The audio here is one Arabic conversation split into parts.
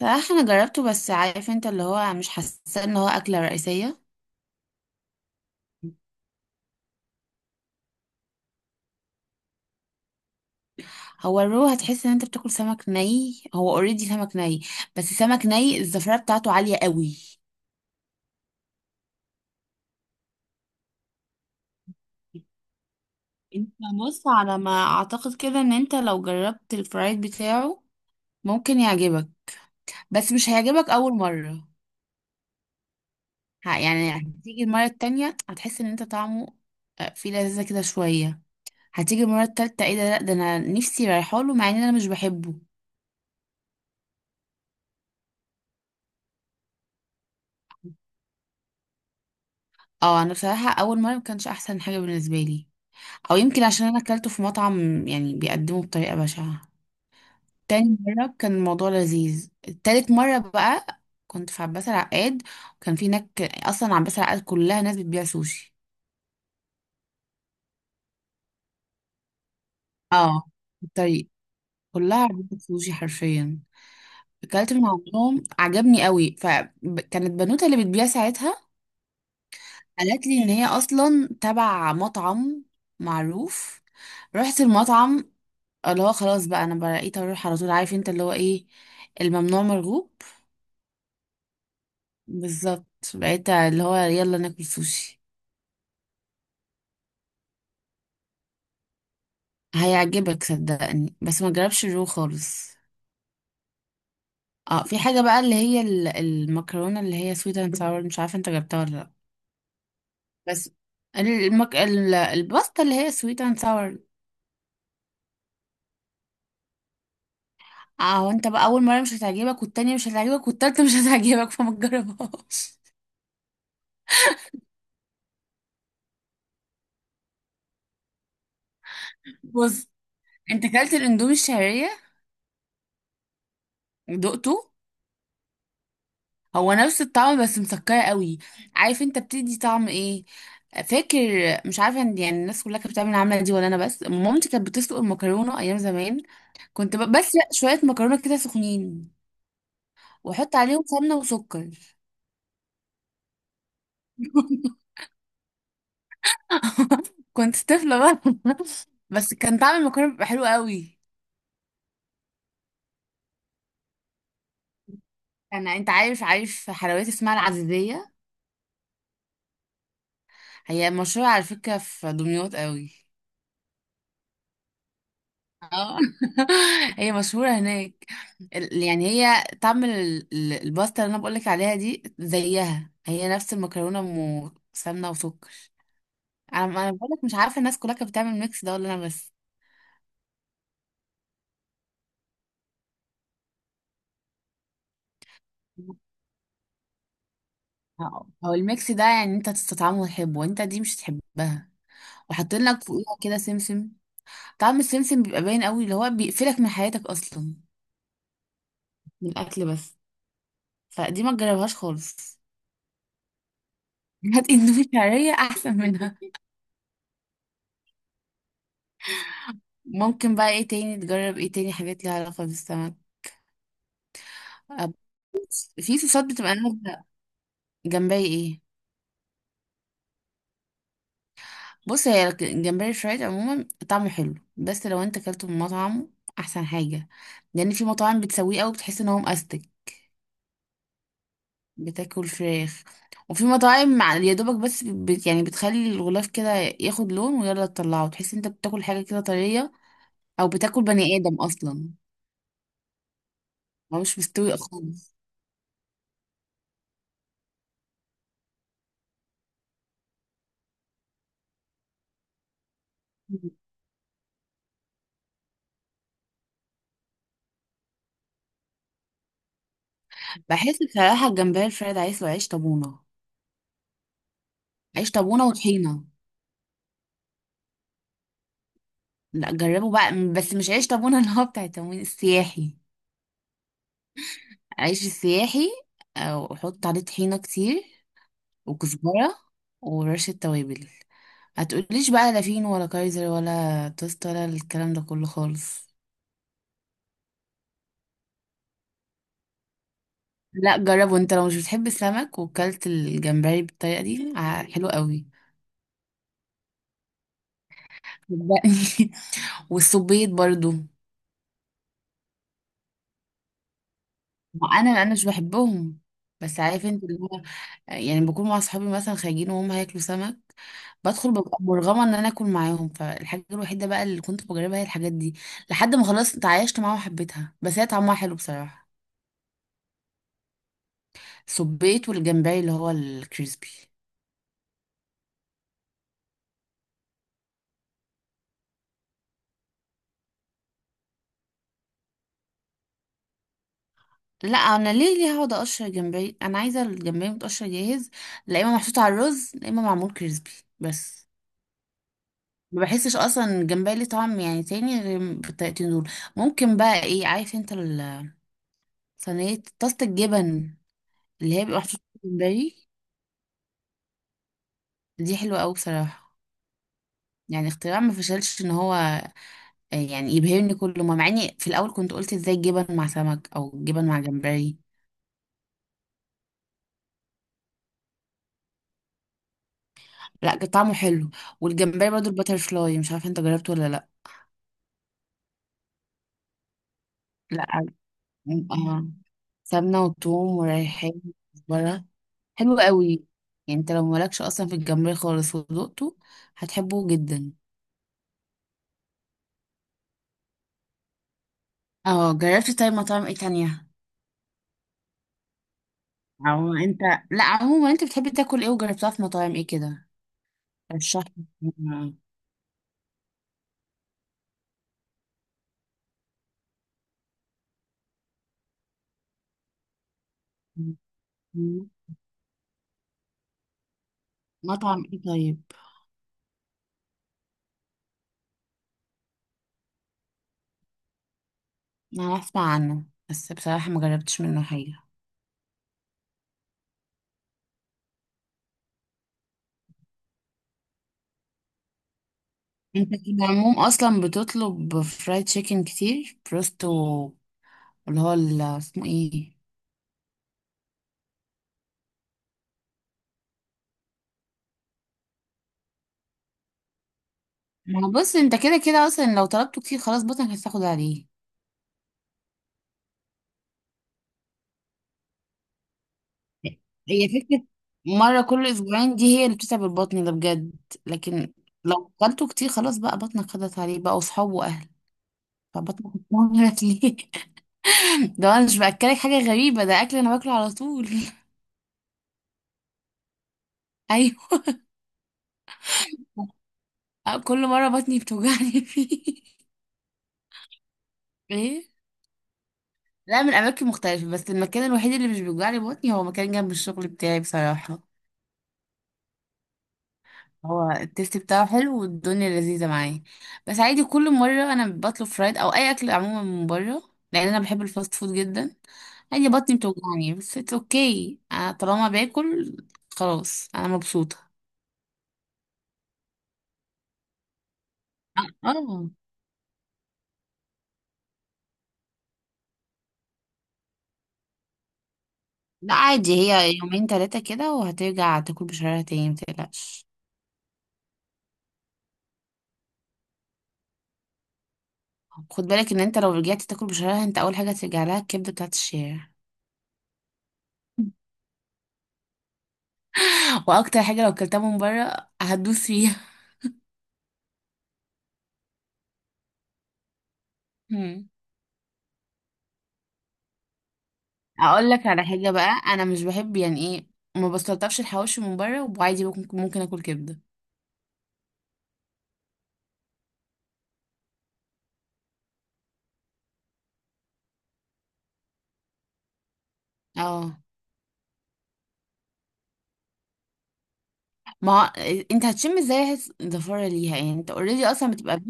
صراحة انا جربته، بس عارف انت اللي هو مش حاسة ان هو اكلة رئيسية. هو الرو هتحس ان انت بتاكل سمك ني، هو اوريدي سمك ني، بس سمك ني الزفرة بتاعته عالية قوي. انت بص، على ما اعتقد كده ان انت لو جربت الفرايد بتاعه ممكن يعجبك، بس مش هيعجبك اول مرة. يعني هتيجي المرة التانية هتحس ان انت طعمه، فيه لذة كده شوية. هتيجي المرة التالتة ايه ده، لا ده انا نفسي رايحاله مع ان انا مش بحبه. اه انا بصراحه اول مره ما كانش احسن حاجه بالنسبه لي، او يمكن عشان انا اكلته في مطعم يعني بيقدمه بطريقه بشعه. تاني مره كان الموضوع لذيذ. تالت مره بقى، كنت في عباس العقاد، وكان في هناك اصلا عباس العقاد كلها ناس بتبيع سوشي. اه في الطريق، كلها عربيات سوشي حرفيا. اكلت من عندهم عجبني قوي، فكانت بنوته اللي بتبيع ساعتها قالت لي ان هي اصلا تبع مطعم معروف. رحت المطعم، اللي هو خلاص بقى انا بقيت اروح على طول، عارف انت اللي هو ايه، الممنوع مرغوب. بالظبط. بقيت اللي هو يلا ناكل سوشي. هيعجبك صدقني، بس ما جربش الرو خالص. اه في حاجة بقى اللي هي المكرونة اللي هي سويت اند ساور، مش عارفة انت جبتها ولا لا. بس الباستا اللي هي سويت اند ساور. اه وانت بقى اول مرة مش هتعجبك والتانية مش هتعجبك والتالتة مش هتعجبك، فما تجربهاش. بص، انت كلت الاندومي الشعرية دقته. هو نفس الطعم بس مسكرة قوي. عارف انت بتدي طعم ايه؟ فاكر؟ مش عارفة ان يعني الناس كلها كانت بتعمل العملة دي ولا انا بس، مامتي كانت بتسلق المكرونة ايام زمان. كنت بس شوية مكرونة كده سخنين، واحط عليهم سمنة وسكر. كنت طفلة بقى. بس كان طعم المكرونة بيبقى حلو قوي. انا انت عارف حلويات اسمها العزيزية؟ هي مشهورة على فكرة في دمياط قوي. اه هي مشهورة هناك. يعني هي طعم الباستا اللي انا بقولك عليها دي زيها، هي نفس المكرونة، سمنة وسكر. انا بقولك، مش عارفة الناس كلها كانت بتعمل الميكس ده ولا انا بس. اه. هو الميكس ده يعني انت تستطعمه وتحبه، وانت دي مش تحبها. وحاطين لك فوقيها كده سمسم، طعم السمسم بيبقى باين قوي، اللي هو بيقفلك من حياتك اصلا من الاكل بس. فدي ما تجربهاش خالص. هات اندومي شعرية احسن منها. ممكن بقى ايه تاني تجرب، ايه تاني حاجات ليها علاقة بالسمك؟ أب- بص، في صوصات بتبقى نازلة. جمبري ايه؟ بص هي الجمبري الفرايد عموما طعمه حلو، بس لو انت اكلته من مطعم احسن حاجة، لان في مطاعم بتسويه قوي بتحس ان هو مأستك، بتاكل فراخ. وفي مطاعم يا دوبك بس بت يعني بتخلي الغلاف كده ياخد لون ويلا تطلعه تحس ان انت بتاكل حاجة كده طرية، او بتاكل بني ادم اصلا، هو مش مستوي خالص. بحس بصراحة الجمبري الفرايد عايز له عيش طابونة، عيش طابونة وطحينة. لا جربوا بقى بس مش عيش طابونة اللي هو بتاع التموين السياحي، عيش السياحي. أو حط عليه طحينة كتير وكزبرة ورشة توابل، هتقوليش بقى لا فين ولا كايزر ولا توست ولا الكلام ده كله خالص. لا جربه، انت لو مش بتحب السمك وكلت الجمبري بالطريقة دي حلو قوي، صدقني. والصبيط برضو. ما انا مش بحبهم، بس عارف انت اللي هو يعني بكون مع اصحابي مثلا خارجين وهم هياكلوا سمك، بدخل ببقى مرغمه ان انا اكل معاهم. فالحاجه الوحيده بقى اللي كنت بجربها هي الحاجات دي، لحد ما خلاص اتعايشت معاها وحبيتها. بس هي طعمها حلو بصراحه. سبيت والجمبري اللي هو الكريسبي. لا انا ليه هقعد اقشر جمبري، انا عايزه الجمبري متقشر جاهز، لا اما محطوط على الرز لا اما معمول كريسبي بس. ما بحسش اصلا الجمبري ليه طعم يعني تاني غير بالطريقتين دول. ممكن بقى ايه، عارف انت صينية طاسة الجبن، اللي هي بيبقى محطوط فيها جمبري؟ دي حلوة أوي بصراحة. يعني اختراع ما فشلش، ان هو يعني يبهرني كل ما، مع اني في الاول كنت قلت ازاي جبن مع سمك او جبن مع جمبري. لا كان طعمه حلو. والجمبري برضو الباتر فلاي مش عارفه انت جربته ولا لا؟ لا. اه سمنه وثوم وريحان وكزبره، حلو قوي. يعني انت لو مالكش اصلا في الجمبري خالص ودقته هتحبه جدا. اه جربت. طيب مطاعم ايه تانية؟ او انت، لا عموما انت بتحب تاكل ايه وجربتها في مطاعم ايه كده؟ رشح لي. مطعم ايه طيب؟ انا اسمع عنه بس بصراحة ما جربتش منه حاجة. انت في العموم اصلا بتطلب فرايد تشيكن كتير، بروستو اللي هو اسمه ايه. ما هو بص انت كده كده اصلا لو طلبته كتير خلاص بطنك هتاخد عليه. هي فكرة. مرة كل أسبوعين دي هي اللي بتتعب البطن ده بجد. لكن لو أكلته كتير خلاص بقى بطنك خدت عليه بقى، وصحاب وأهل. طب بطنك ليه؟ ده انا مش باكلك حاجه غريبه، ده اكل انا باكله على طول. ايوه. كل مره بطني بتوجعني فيه. ايه. لا من اماكن مختلفه، بس المكان الوحيد اللي مش بيوجعني بطني هو مكان جنب الشغل بتاعي بصراحه. هو التيست بتاعه حلو والدنيا لذيذه معايا. بس عادي كل مره انا بطلب فرايد او اي اكل عموما من بره، لان انا بحب الفاست فود جدا. عادي بطني بتوجعني بس اتس اوكي، انا طالما باكل خلاص انا مبسوطه. اه لا عادي هي يومين ثلاثة كده وهترجع تاكل بشرايها تاني، متقلقش. خد بالك ان انت لو رجعت تاكل بشرايها انت اول حاجة هترجع لها الكبدة بتاعت الشارع. واكتر حاجة لو اكلتها من بره هتدوس فيها. مم. اقول لك على حاجة بقى انا مش بحب، يعني ايه، ما بستلطفش الحواوشي من بره، وعادي ممكن اكل كبدة. اه ما هو انت هتشم ازاي ريحة الزفارة ليها يعني، انت اوريدي اصلا بتبقى.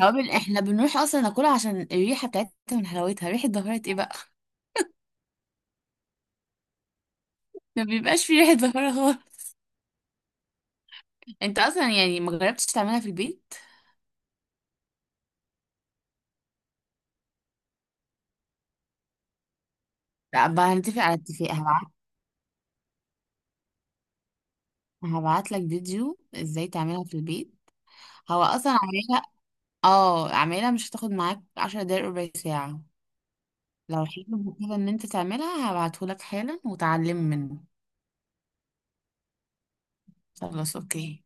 توابل احنا بنروح اصلا ناكلها عشان الريحة بتاعتها من حلاوتها، ريحة زفارة ايه بقى. ما بيبقاش في ريحة زفارة. انت اصلا يعني ما جربتش تعملها في البيت؟ لا بقى هنتفق على اتفاق، هبعت. هبعت لك فيديو ازاي تعملها في البيت. هو اصلا عاملها. اه عاملها مش هتاخد معاك 10 دقايق، ربع ساعة. لو حلو كده ان انت تعملها هبعته لك حالا، وتعلم منه. خلاص اوكي.